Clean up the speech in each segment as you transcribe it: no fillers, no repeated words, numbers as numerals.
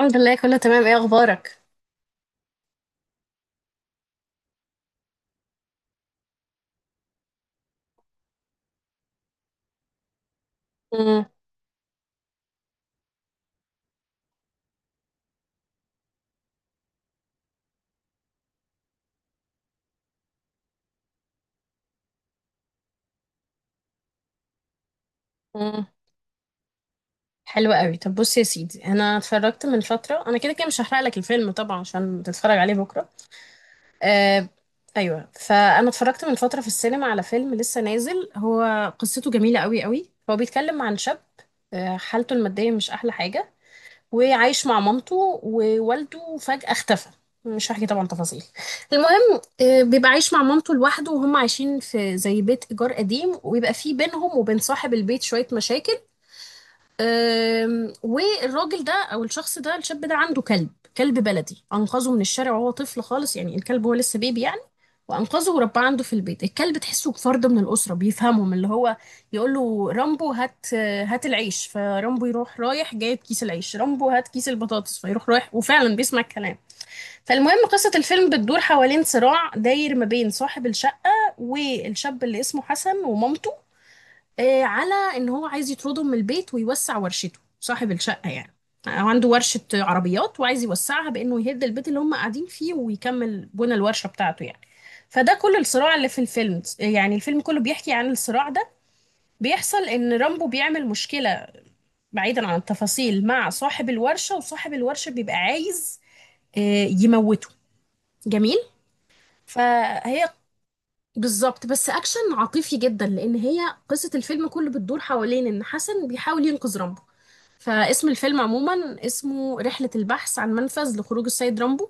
الحمد لله كله تمام. ايه اخبارك؟ امم امم حلو قوي. طب بص يا سيدي، انا اتفرجت من فتره، انا كده كده مش هحرق لك الفيلم طبعا عشان تتفرج عليه بكره. آه، ايوه، فانا اتفرجت من فتره في السينما على فيلم لسه نازل. هو قصته جميله قوي قوي. هو بيتكلم عن شاب، حالته الماديه مش احلى حاجه، وعايش مع مامته، ووالده فجأة اختفى. مش هحكي طبعا تفاصيل. المهم، بيبقى عايش مع مامته لوحده، وهم عايشين في زي بيت إيجار قديم، ويبقى في بينهم وبين صاحب البيت شوية مشاكل. والراجل ده او الشخص ده الشاب ده عنده كلب. كلب بلدي انقذه من الشارع وهو طفل خالص، يعني الكلب هو لسه بيبي يعني. وانقذه ورباه عنده في البيت. الكلب تحسه فرد من الاسره، بيفهمهم اللي هو يقول له رامبو هات، هات العيش، فرامبو يروح رايح جايب كيس العيش، رامبو هات كيس البطاطس فيروح رايح، وفعلا بيسمع الكلام. فالمهم قصه الفيلم بتدور حوالين صراع داير ما بين صاحب الشقه والشاب اللي اسمه حسن ومامته، على ان هو عايز يطردهم من البيت ويوسع ورشته صاحب الشقه يعني. هو عنده ورشه عربيات وعايز يوسعها بانه يهد البيت اللي هم قاعدين فيه ويكمل بنى الورشه بتاعته يعني. فده كل الصراع اللي في الفيلم، يعني الفيلم كله بيحكي عن الصراع ده. بيحصل ان رامبو بيعمل مشكله، بعيدا عن التفاصيل، مع صاحب الورشه، وصاحب الورشه بيبقى عايز، يموته. جميل. فهي بالظبط، بس اكشن عاطفي جدا، لان هي قصه الفيلم كله بتدور حوالين ان حسن بيحاول ينقذ رامبو. فاسم الفيلم عموما اسمه رحلة البحث عن منفذ لخروج السيد رامبو،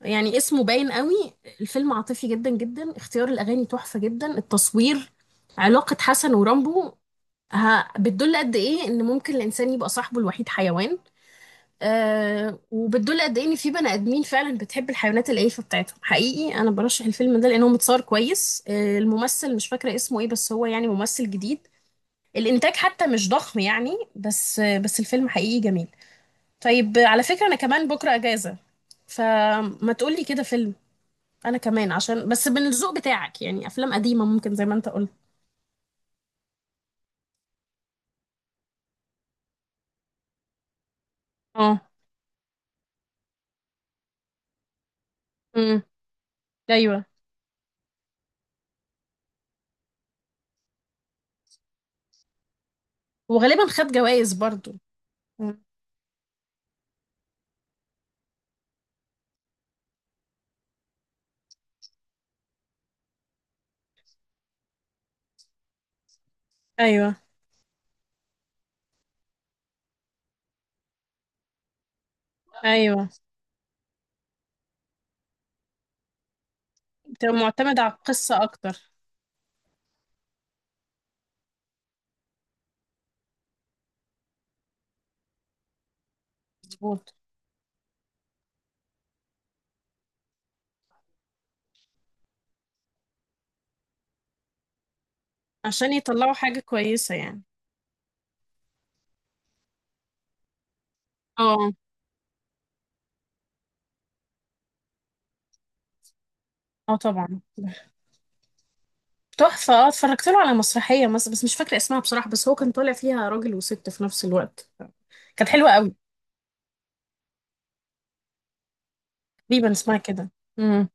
يعني اسمه باين قوي. الفيلم عاطفي جدا جدا، اختيار الأغاني تحفة جدا، التصوير، علاقة حسن ورامبو ها، بتدل قد ايه ان ممكن الانسان يبقى صاحبه الوحيد حيوان. وبتدل قد ايه ان في بني ادمين فعلا بتحب الحيوانات الاليفه بتاعتهم حقيقي. انا برشح الفيلم ده لانه متصور كويس. الممثل مش فاكره اسمه ايه، بس هو يعني ممثل جديد. الانتاج حتى مش ضخم يعني، بس بس الفيلم حقيقي جميل. طيب على فكرة أنا كمان بكرة أجازة، فما تقولي كده فيلم. أنا كمان عشان بس من الذوق بتاعك يعني أفلام قديمة ممكن زي ما أنت قلت. اه. امم. أيوه. وغالبا خد جوائز برضو. مم. أيوه، أيوه، بتبقى معتمدة على القصة أكتر. مظبوط. عشان يطلعوا حاجة كويسة يعني. اه. اه طبعا. تحفة، اه، اتفرجت له على مسرحية مثلا بس مش فاكرة اسمها بصراحة، بس هو كان طالع فيها راجل وست في نفس الوقت. كانت حلوة قوي. تقريبا اسمها كده. امم.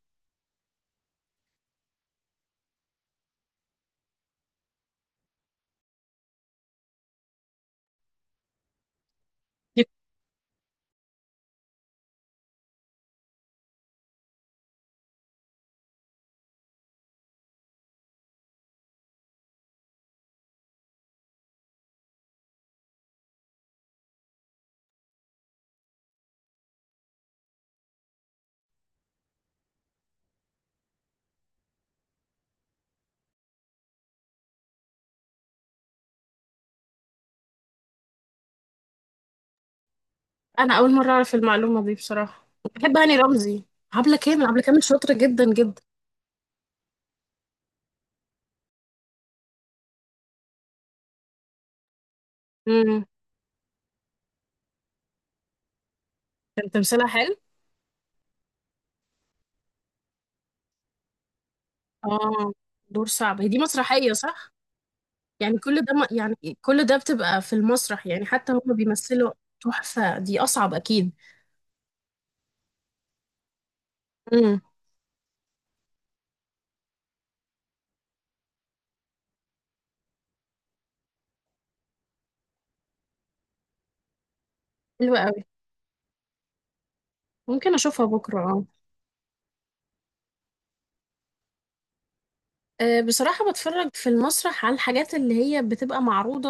انا اول مره اعرف المعلومه دي بصراحه. بحب هاني رمزي. عبله كامل عبله كامل، شاطره جدا جدا. امم. كان تمثيلها حلو. اه. دور صعب. هي دي مسرحيه صح؟ يعني كل ده يعني كل ده بتبقى في المسرح، يعني حتى هما بيمثلوا. تحفه، دي اصعب اكيد. امم. حلوه قوي، ممكن اشوفها بكره اه. آه، بصراحه بتفرج في المسرح على الحاجات اللي هي بتبقى معروضه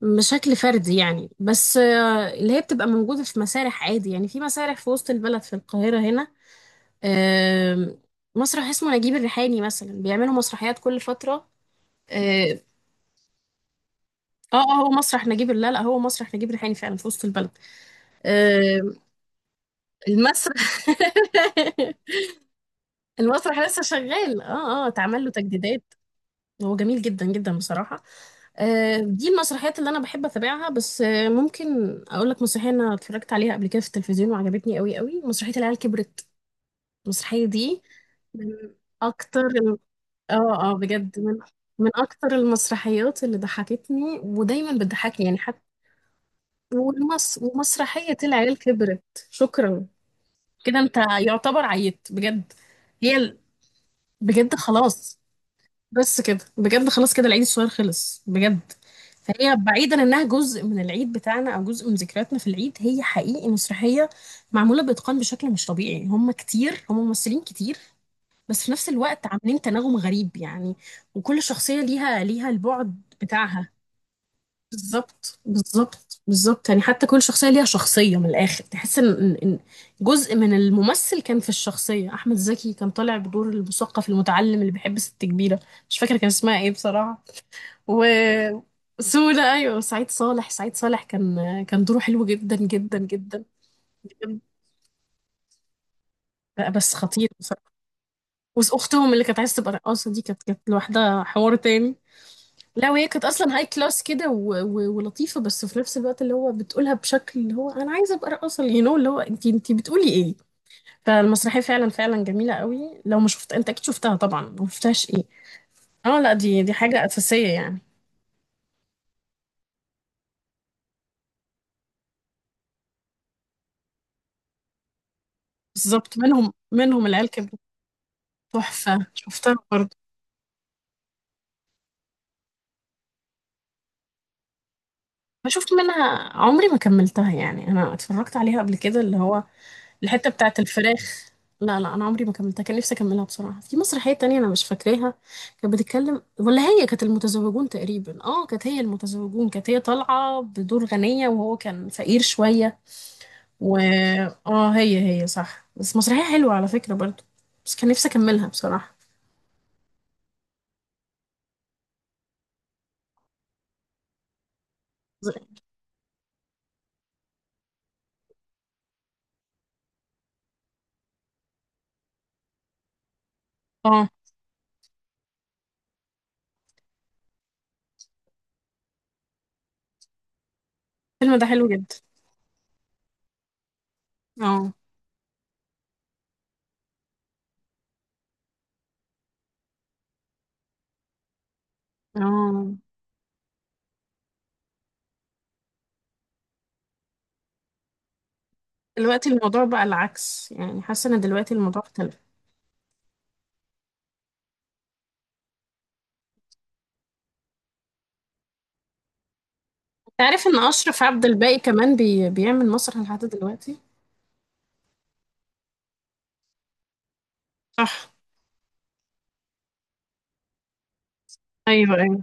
بشكل فردي يعني، بس آه، اللي هي بتبقى موجوده في مسارح عادي، يعني في مسارح في وسط البلد، في القاهره هنا. آم، مسرح اسمه نجيب الريحاني مثلا، بيعملوا مسرحيات كل فترة. اه. اه آه، هو مسرح نجيب، لا لا، هو مسرح نجيب الريحاني فعلا في وسط البلد. آم، المسرح. المسرح لسه شغال اه، اه، اتعمل له تجديدات. هو جميل جدا جدا بصراحة. آه، دي المسرحيات اللي انا بحب اتابعها. بس آه، ممكن اقول لك مسرحيه انا اتفرجت عليها قبل كده في التلفزيون وعجبتني قوي قوي، مسرحيه العيال كبرت. المسرحيه دي من اكتر، اه اه، بجد من اكتر المسرحيات اللي ضحكتني ودايما بتضحكني يعني. حتى ومسرحية العيال كبرت، شكرا، كده انت يعتبر عيت بجد. هي ال- بجد خلاص. بس كده بجد خلاص، كده العيد الصغير خلص بجد. فهي بعيدا انها جزء من العيد بتاعنا او جزء من ذكرياتنا في العيد، هي حقيقي مسرحية معمولة بإتقان بشكل مش طبيعي. هم كتير، هم ممثلين كتير، بس في نفس الوقت عاملين تناغم غريب يعني. وكل شخصية ليها البعد بتاعها. بالظبط، بالظبط، بالظبط. يعني حتى كل شخصية ليها شخصية من الآخر، تحس إن إن جزء من الممثل كان في الشخصية. أحمد زكي كان طالع بدور المثقف المتعلم اللي بيحب ست كبيرة، مش فاكرة كان اسمها إيه بصراحة. و سودا أيوه، سعيد صالح، سعيد صالح كان، كان دوره حلو جدا جدا جدا. بجد. لا، بس خطير بصراحة. وأختهم اللي كانت عايزة تبقى رقاصة دي، كانت لوحدها حوار تاني. لا، وهي كانت اصلا هاي كلاس كده ولطيفه، بس في نفس الوقت اللي هو بتقولها بشكل اللي هو انا عايزه ابقى رقاصه يو نو، اللي هو انت بتقولي ايه. فالمسرحيه فعلا جميله قوي. لو ما شفت، انت اكيد شفتها طبعا، ما شفتهاش ايه. اه لا، دي حاجه اساسيه يعني. بالظبط، منهم العيال كانت تحفه، شفتها برضه. ما شفت منها، عمري ما كملتها يعني. انا اتفرجت عليها قبل كده، اللي هو الحتة بتاعت الفراخ. لا لا، انا عمري ما كملتها، كان نفسي اكملها بصراحة. في مسرحية تانية انا مش فاكراها، كانت بتتكلم ولا هي كانت المتزوجون تقريبا. اه، كانت هي المتزوجون، كانت هي طالعة بدور غنية وهو كان فقير شوية. و اه، هي صح. بس مسرحية حلوة على فكرة برضو، بس كان نفسي اكملها بصراحة. اه الفيلم ده حلو جدا. اه. اه، دلوقتي الموضوع بقى العكس، يعني حاسة ان دلوقتي الموضوع اختلف. تعرف ان اشرف عبد الباقي كمان بيعمل مسرح لحد دلوقتي. صح. ايوه، ايوه.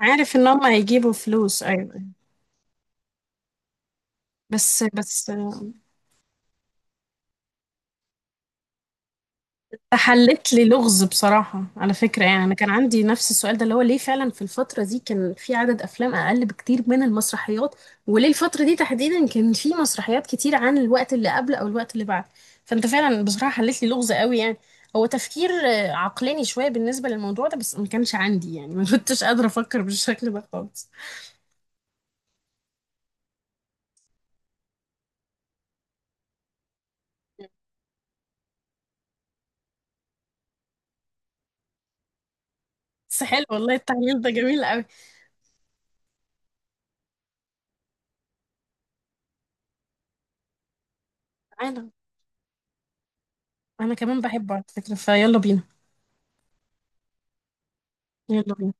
عارف ان هم هيجيبوا فلوس، ايوه، أيوة. بس آه، تحلت لي لغز بصراحه على فكره. يعني انا كان عندي نفس السؤال ده، اللي هو ليه فعلا في الفتره دي كان في عدد افلام اقل بكتير من المسرحيات، وليه الفتره دي تحديدا كان في مسرحيات كتير عن الوقت اللي قبل او الوقت اللي بعد. فانت فعلا بصراحه حلت لي لغز قوي يعني. هو تفكير آه، عقلاني شويه بالنسبه للموضوع ده، بس ما كانش عندي يعني ما كنتش قادره افكر بالشكل ده خالص. بس حلو والله، التعليل ده جميل قوي. انا كمان بحبه على فكرة، فيلا بينا. يلا بينا.